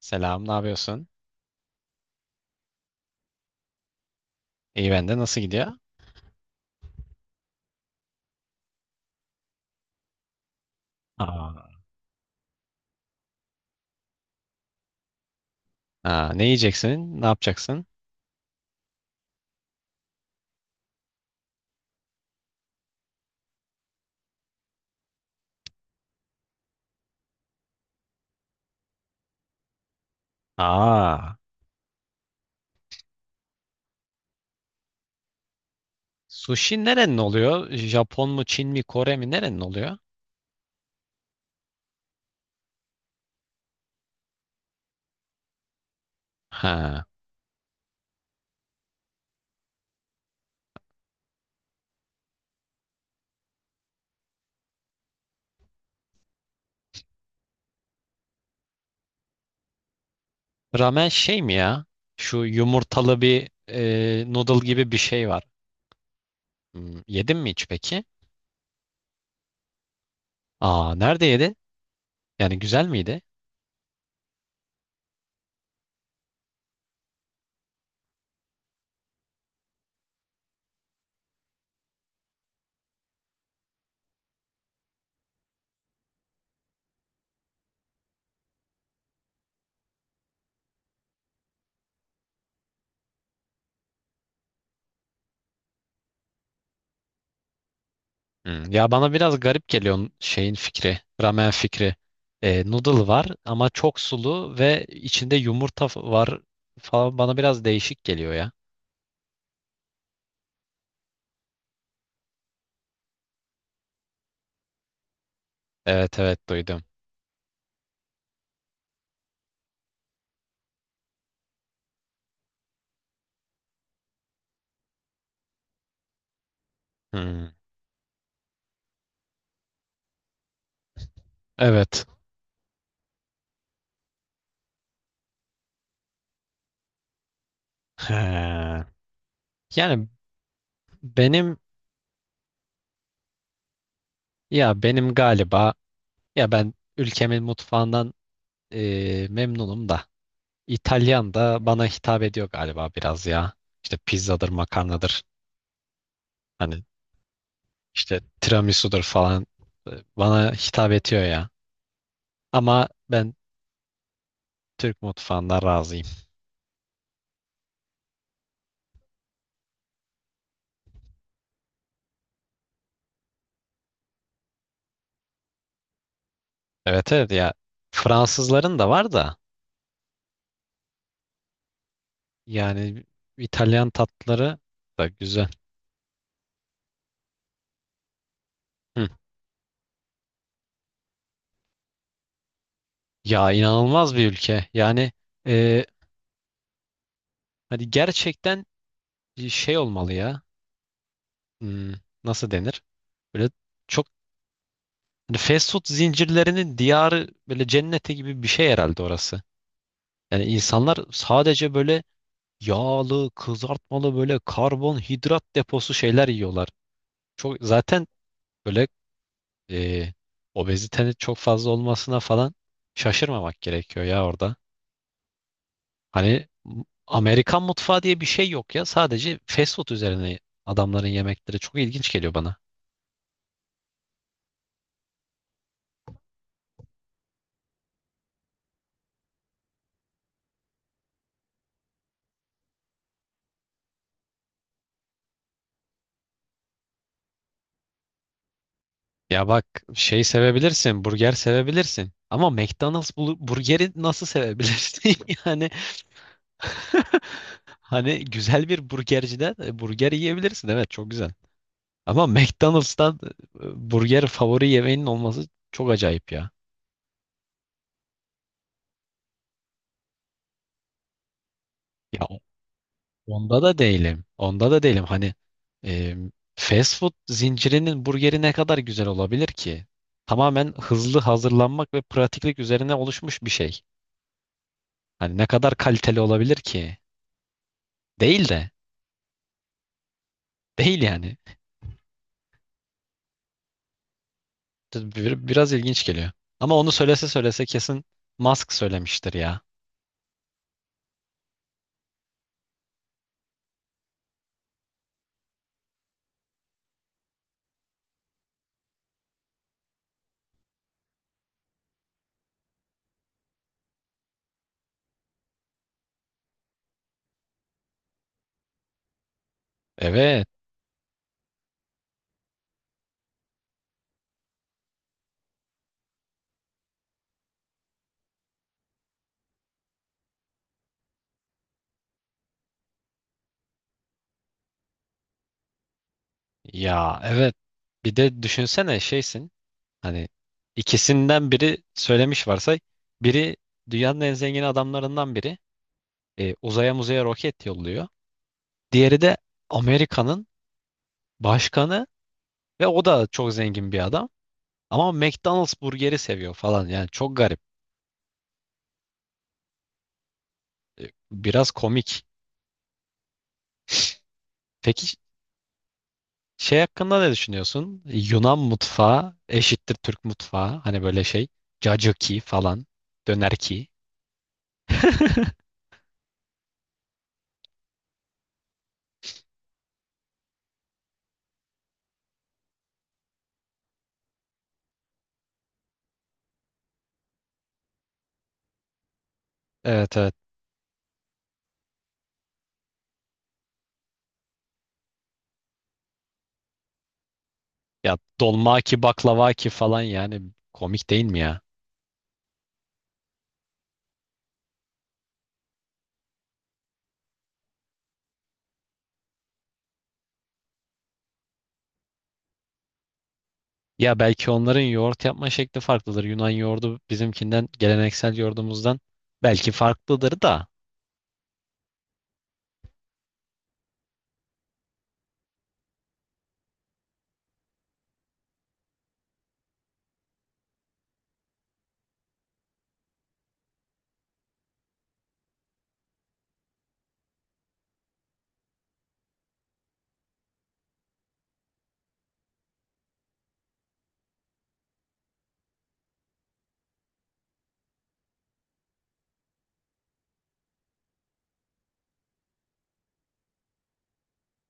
Selam, ne yapıyorsun? İyi ben de. Nasıl gidiyor? Aa, aa, ne yiyeceksin? Ne yapacaksın? Aa, sushi nerenin oluyor? Japon mu, Çin mi, Kore mi? Nerenin oluyor? Ha, ramen şey mi ya? Şu yumurtalı bir noodle gibi bir şey var. Hmm, yedin mi hiç peki? Aa, nerede yedin? Yani güzel miydi? Hmm, ya bana biraz garip geliyor şeyin fikri, ramen fikri. Noodle var ama çok sulu ve içinde yumurta var falan bana biraz değişik geliyor ya. Evet evet, duydum. Hmm. Evet. He. Yani benim ya benim galiba ya ben ülkemin mutfağından memnunum da İtalyan da bana hitap ediyor galiba biraz ya. İşte pizzadır, makarnadır. Hani işte tiramisu'dur falan e, bana hitap ediyor ya. Ama ben Türk mutfağından razıyım. Evet evet ya, Fransızların da var da yani İtalyan tatları da güzel. Hı. Ya inanılmaz bir ülke. Yani e, hani gerçekten bir şey olmalı ya. Hmm, nasıl denir? Böyle çok hani fast food zincirlerinin diyarı böyle cenneti gibi bir şey herhalde orası. Yani insanlar sadece böyle yağlı, kızartmalı böyle karbonhidrat deposu şeyler yiyorlar. Çok zaten böyle e, obezitenin çok fazla olmasına falan şaşırmamak gerekiyor ya orada. Hani Amerikan mutfağı diye bir şey yok ya. Sadece fast food üzerine adamların yemekleri çok ilginç geliyor bana. Ya bak şey sevebilirsin, burger sevebilirsin. Ama McDonald's burgeri nasıl sevebilirsin? Yani hani güzel bir burgerciden burger yiyebilirsin. Evet çok güzel. Ama McDonald's'tan burger favori yemeğinin olması çok acayip ya. Ya onda da değilim. Onda da değilim. Hani e, fast food zincirinin burgeri ne kadar güzel olabilir ki? Tamamen hızlı hazırlanmak ve pratiklik üzerine oluşmuş bir şey. Hani ne kadar kaliteli olabilir ki? Değil de. Değil yani. Biraz ilginç geliyor. Ama onu söylese söylese kesin Musk söylemiştir ya. Evet. Ya evet. Bir de düşünsene şeysin. Hani ikisinden biri söylemiş varsay. Biri dünyanın en zengin adamlarından biri. E, uzaya muzaya roket yolluyor. Diğeri de Amerika'nın başkanı ve o da çok zengin bir adam. Ama McDonald's burgeri seviyor falan. Yani çok garip. Biraz komik. Peki şey hakkında ne düşünüyorsun? Yunan mutfağı eşittir Türk mutfağı. Hani böyle şey. Cacıki falan. Dönerki. Evet evet. Ya dolma ki baklava ki falan yani komik değil mi ya? Ya belki onların yoğurt yapma şekli farklıdır. Yunan yoğurdu bizimkinden, geleneksel yoğurdumuzdan belki farklıdır da.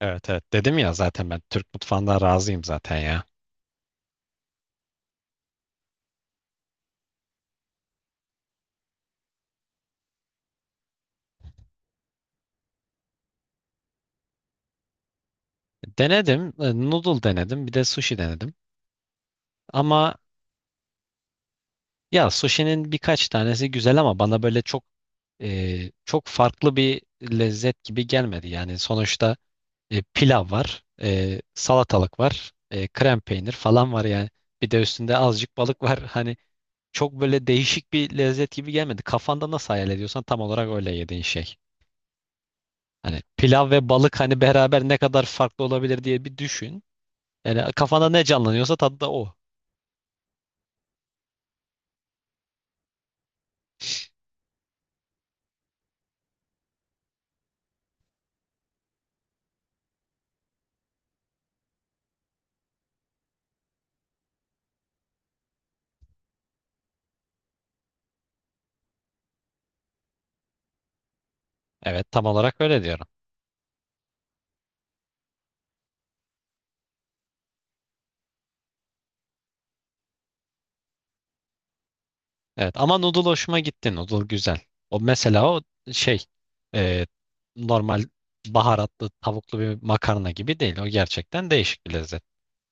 Evet evet, dedim ya zaten ben Türk mutfağından razıyım zaten ya. Denedim. Noodle denedim. Bir de sushi denedim. Ama ya sushi'nin birkaç tanesi güzel ama bana böyle çok çok farklı bir lezzet gibi gelmedi. Yani sonuçta pilav var, salatalık var, krem peynir falan var yani. Bir de üstünde azıcık balık var. Hani çok böyle değişik bir lezzet gibi gelmedi. Kafanda nasıl hayal ediyorsan tam olarak öyle yediğin şey. Hani pilav ve balık hani beraber ne kadar farklı olabilir diye bir düşün. Yani kafanda ne canlanıyorsa tadı da o. Evet tam olarak öyle diyorum. Evet ama noodle hoşuma gitti. Noodle güzel. O mesela şey e, normal baharatlı tavuklu bir makarna gibi değil. O gerçekten değişik bir lezzet.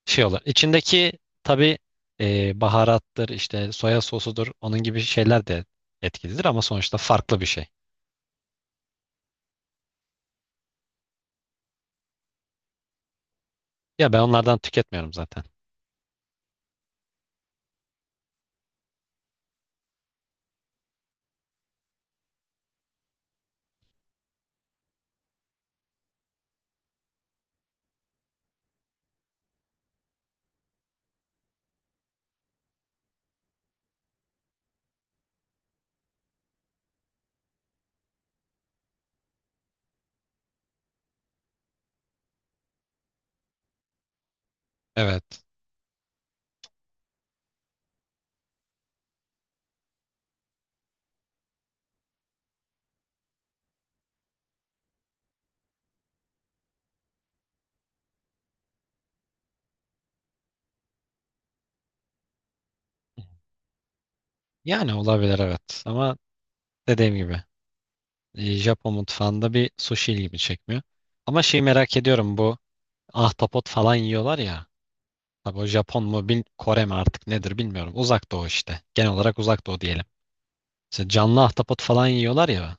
Şey olur. İçindeki tabii baharattır işte soya sosudur onun gibi şeyler de etkilidir ama sonuçta farklı bir şey. Ya ben onlardan tüketmiyorum zaten. Evet. Yani olabilir evet. Ama dediğim gibi Japon mutfağında bir sushi ilgimi çekmiyor. Ama şeyi merak ediyorum, bu ahtapot falan yiyorlar ya. Tabii o Japon mu bil Kore mi artık nedir bilmiyorum. Uzak Doğu işte. Genel olarak Uzak Doğu diyelim. İşte canlı ahtapot falan yiyorlar ya.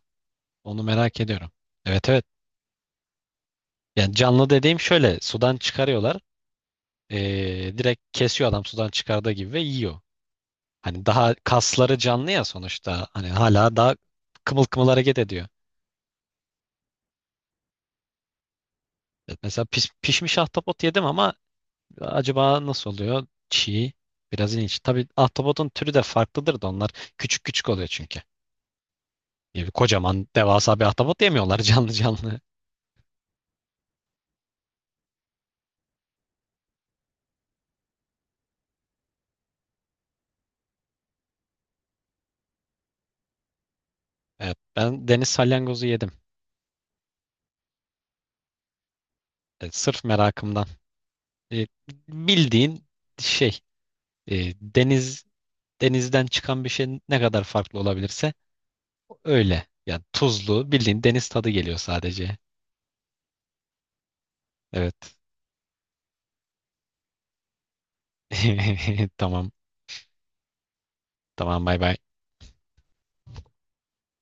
Onu merak ediyorum. Evet evet. Yani canlı dediğim şöyle sudan çıkarıyorlar. E, direkt kesiyor adam sudan çıkardığı gibi ve yiyor. Hani daha kasları canlı ya sonuçta. Hani hala daha kımıl kımıl hareket ediyor. Evet. Mesela pişmiş ahtapot yedim ama acaba nasıl oluyor? Çiğ. Biraz ilginç. Tabii ahtapotun türü de farklıdır da onlar küçük küçük oluyor çünkü. Yani kocaman devasa bir ahtapot yemiyorlar canlı canlı. Evet, ben deniz salyangozu yedim. E, sırf merakımdan. E, bildiğin şey e, deniz denizden çıkan bir şey ne kadar farklı olabilirse öyle. Yani tuzlu bildiğin deniz tadı geliyor sadece. Evet. Tamam. Tamam bay bay.